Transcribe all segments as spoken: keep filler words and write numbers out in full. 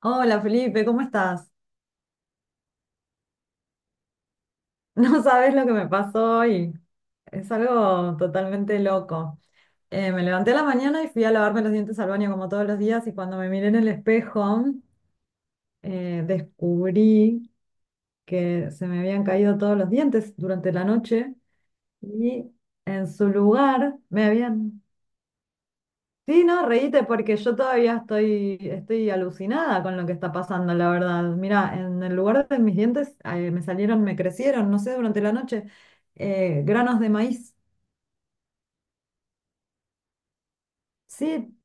Hola Felipe, ¿cómo estás? No sabes lo que me pasó hoy. Es algo totalmente loco. Eh, me levanté a la mañana y fui a lavarme los dientes al baño como todos los días, y cuando me miré en el espejo eh, descubrí que se me habían caído todos los dientes durante la noche, y en su lugar me habían... Sí, no, reíte porque yo todavía estoy, estoy alucinada con lo que está pasando, la verdad. Mira, en el lugar de mis dientes eh, me salieron, me crecieron, no sé, durante la noche. Eh, granos de maíz. Sí,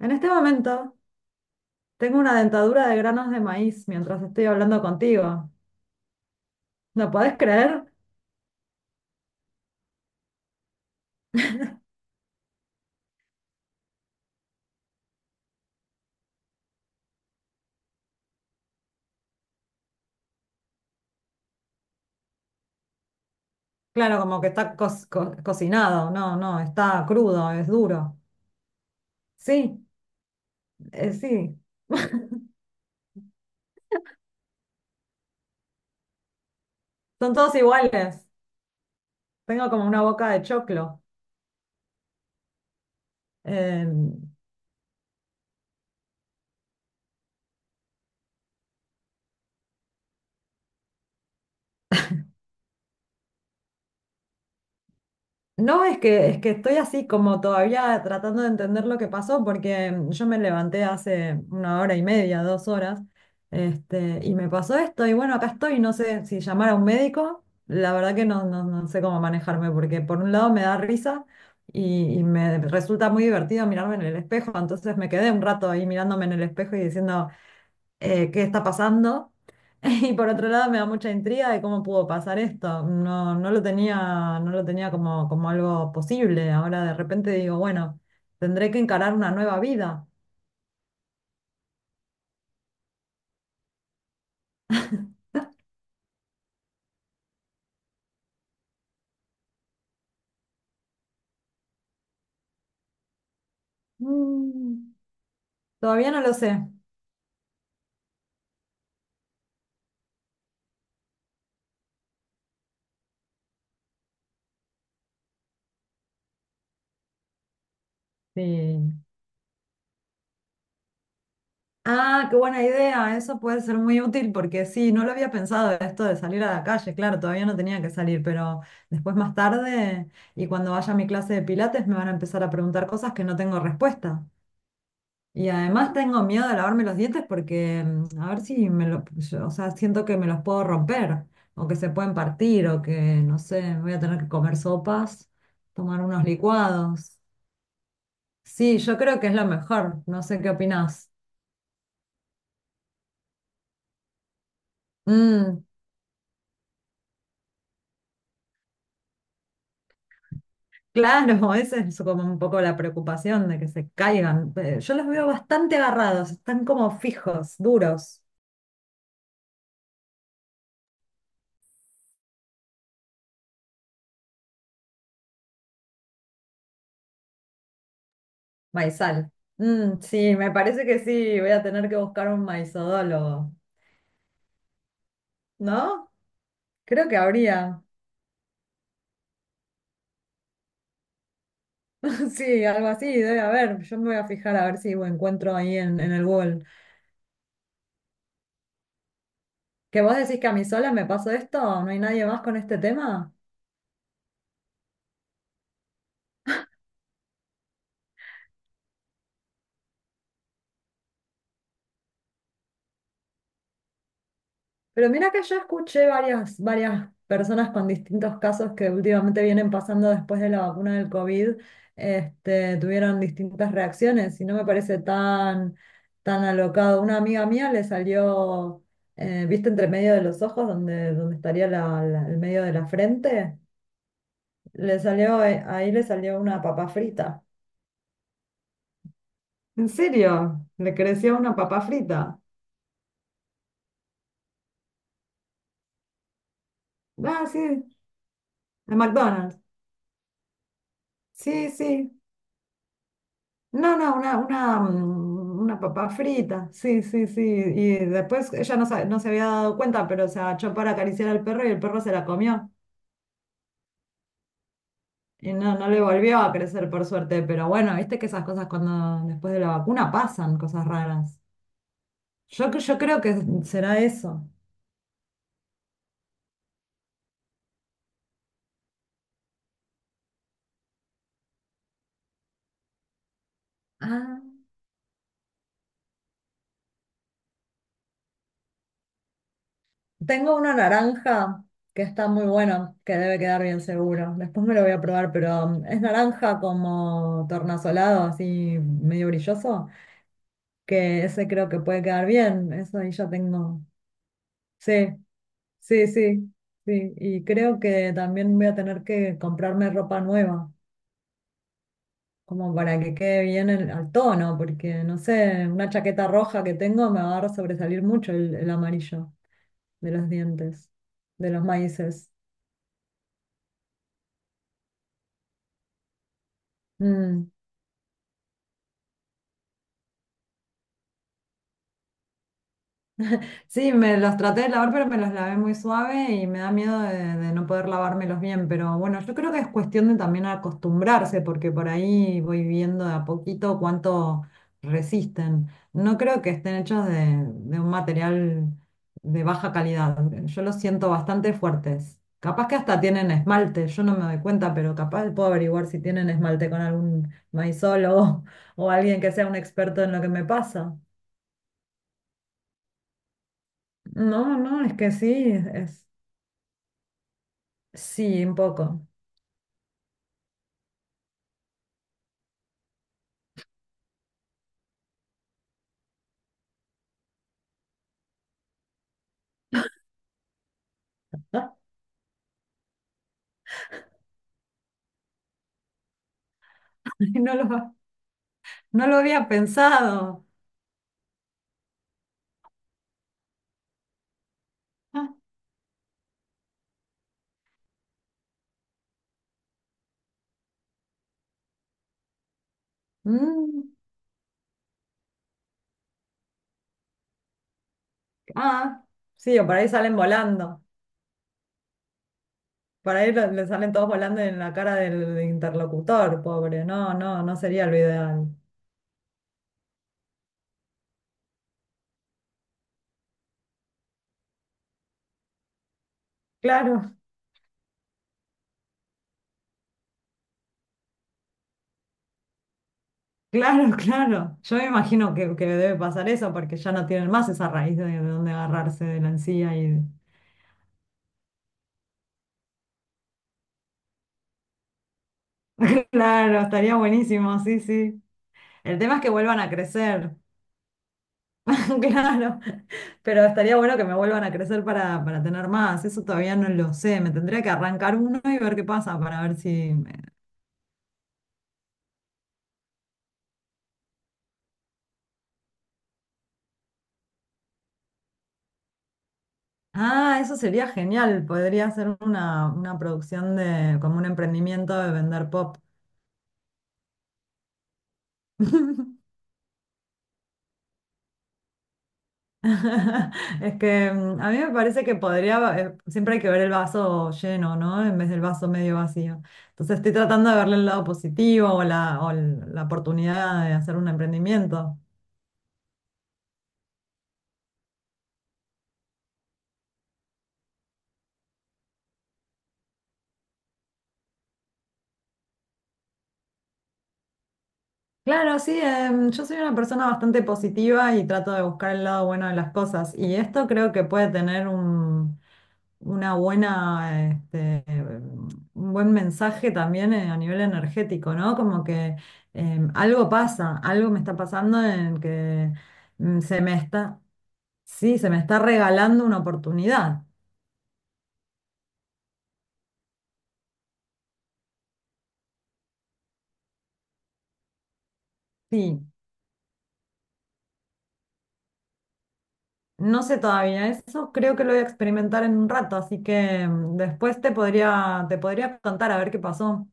en este momento tengo una dentadura de granos de maíz mientras estoy hablando contigo. ¿Lo podés creer? Claro, como que está co- co- cocinado. No, no, está crudo, es duro. Sí, eh, sí, son todos iguales. Tengo como una boca de choclo. em, No, es que, es que estoy así como todavía tratando de entender lo que pasó porque mm, yo me levanté hace una hora y media, dos horas, este, y me pasó esto y bueno, acá estoy, no sé si llamar a un médico, la verdad que no, no, no sé cómo manejarme porque por un lado me da risa y, y me resulta muy divertido mirarme en el espejo, entonces me quedé un rato ahí mirándome en el espejo y diciendo eh, qué está pasando. Y por otro lado me da mucha intriga de cómo pudo pasar esto. No, no lo tenía, no lo tenía como, como algo posible. Ahora de repente digo, bueno, tendré que encarar una nueva vida. Mm, todavía no lo sé. Sí. Ah, qué buena idea. Eso puede ser muy útil porque sí, no lo había pensado esto de salir a la calle. Claro, todavía no tenía que salir, pero después más tarde y cuando vaya a mi clase de pilates me van a empezar a preguntar cosas que no tengo respuesta. Y además tengo miedo de lavarme los dientes porque mm, a ver si me lo, yo, o sea, siento que me los puedo romper o que se pueden partir o que, no sé, voy a tener que comer sopas, tomar unos licuados. Sí, yo creo que es lo mejor, no sé qué opinás. Mm, claro, esa es como un poco la preocupación de que se caigan. Eh, Yo los veo bastante agarrados, están como fijos, duros. Maizal. Mm, sí, me parece que sí, voy a tener que buscar un maizodólogo, ¿no? Creo que habría, sí, algo así, debe haber. Yo me voy a fijar a ver si encuentro ahí en, en el Google. ¿Que vos decís que a mí sola me pasó esto? ¿No hay nadie más con este tema? Pero mira que yo escuché varias, varias personas con distintos casos que últimamente vienen pasando después de la vacuna del cóvid, este, tuvieron distintas reacciones y no me parece tan, tan alocado. Una amiga mía le salió, eh, ¿viste entre medio de los ojos donde, donde estaría la- la- el medio de la frente? Le salió, ahí le salió una papa frita. ¿En serio? ¿Le creció una papa frita? Ah, sí, de McDonald's. Sí, sí. No, no, una, una, mm, una papa frita. Sí, sí, sí. Y después ella no, sa- no se había dado cuenta, pero se agachó para acariciar al perro y el perro se la comió. Y no, no le volvió a crecer por suerte. Pero bueno, viste que esas cosas cuando después de la vacuna pasan, cosas raras. Yo, cre- yo creo que será eso. Ah. Tengo una naranja que está muy buena, que debe quedar bien seguro. Después me lo voy a probar, pero um, es naranja como tornasolado, así medio brilloso, que ese creo que puede quedar bien. Eso ahí ya tengo. Sí, sí, sí, sí. Y creo que también voy a tener que comprarme ropa nueva, como para que quede bien el- al tono, porque no sé, una chaqueta roja que tengo me va a sobresalir mucho el, el amarillo de los dientes, de los maíces. Mm. Sí, me los traté de lavar, pero me los lavé muy suave y me da miedo de, de no poder lavármelos bien. Pero bueno, yo creo que es cuestión de también acostumbrarse, porque por ahí voy viendo de a poquito cuánto resisten. No creo que estén hechos de, de un material de baja calidad. Yo los siento bastante fuertes. Capaz que hasta tienen esmalte, yo no me doy cuenta, pero capaz puedo averiguar si tienen esmalte con algún maizólogo o alguien que sea un experto en lo que me pasa. No, no, es que sí, es... Sí, un poco. Ah, no lo, no lo había pensado. Ah, mm, ah, sí, o por ahí salen volando. Por ahí lo- le salen todos volando en la cara del interlocutor, pobre. No, no, no sería lo ideal. Claro, claro, claro. Yo me imagino que, que debe pasar eso porque ya no tienen más esa raíz de, de donde agarrarse de la encía. Y... Claro, estaría buenísimo, sí, sí. El tema es que vuelvan a crecer. Claro, pero estaría bueno que me vuelvan a crecer para, para tener más. Eso todavía no lo sé. Me tendría que arrancar uno y ver qué pasa para ver si... me- Ah, eso sería genial. Podría ser una, una producción de, como un emprendimiento de vender pop. Es que mm, a mí me parece que podría, eh, siempre hay que ver el vaso lleno, ¿no? En vez del vaso medio vacío. Entonces estoy tratando de verle el lado positivo o la, o el- la oportunidad de hacer un emprendimiento. Claro, sí, em, yo soy una persona bastante positiva y trato de buscar el lado bueno de las cosas. Y esto creo que puede tener un, una buena, este, em, un buen mensaje también eh, a nivel energético, ¿no? Como que em, algo pasa, algo me está pasando en que mm, se me está, sí, se me está regalando una oportunidad. Sí, no sé todavía eso, creo que lo voy a experimentar en un rato, así que em, después te podría, te podría contar a ver qué pasó.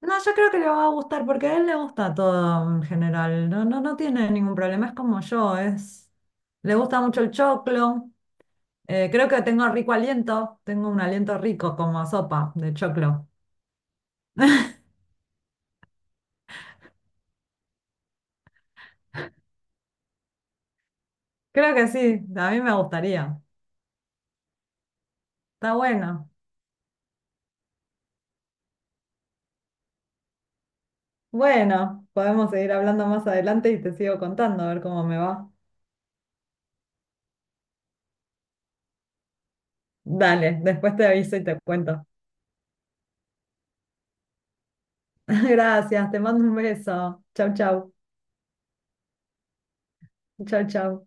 No, yo creo que le va a gustar porque a él le gusta todo en general. No, no, no tiene ningún problema, es como yo, es... Le gusta mucho el choclo. Eh, creo que tengo rico aliento, tengo un aliento rico como a sopa de choclo. Creo que sí, a mí me gustaría. Está bueno. Bueno, podemos seguir hablando más adelante y te sigo contando a ver cómo me va. Dale, después te aviso y te cuento. Gracias, te mando un beso. Chau, chau. Chau, chau.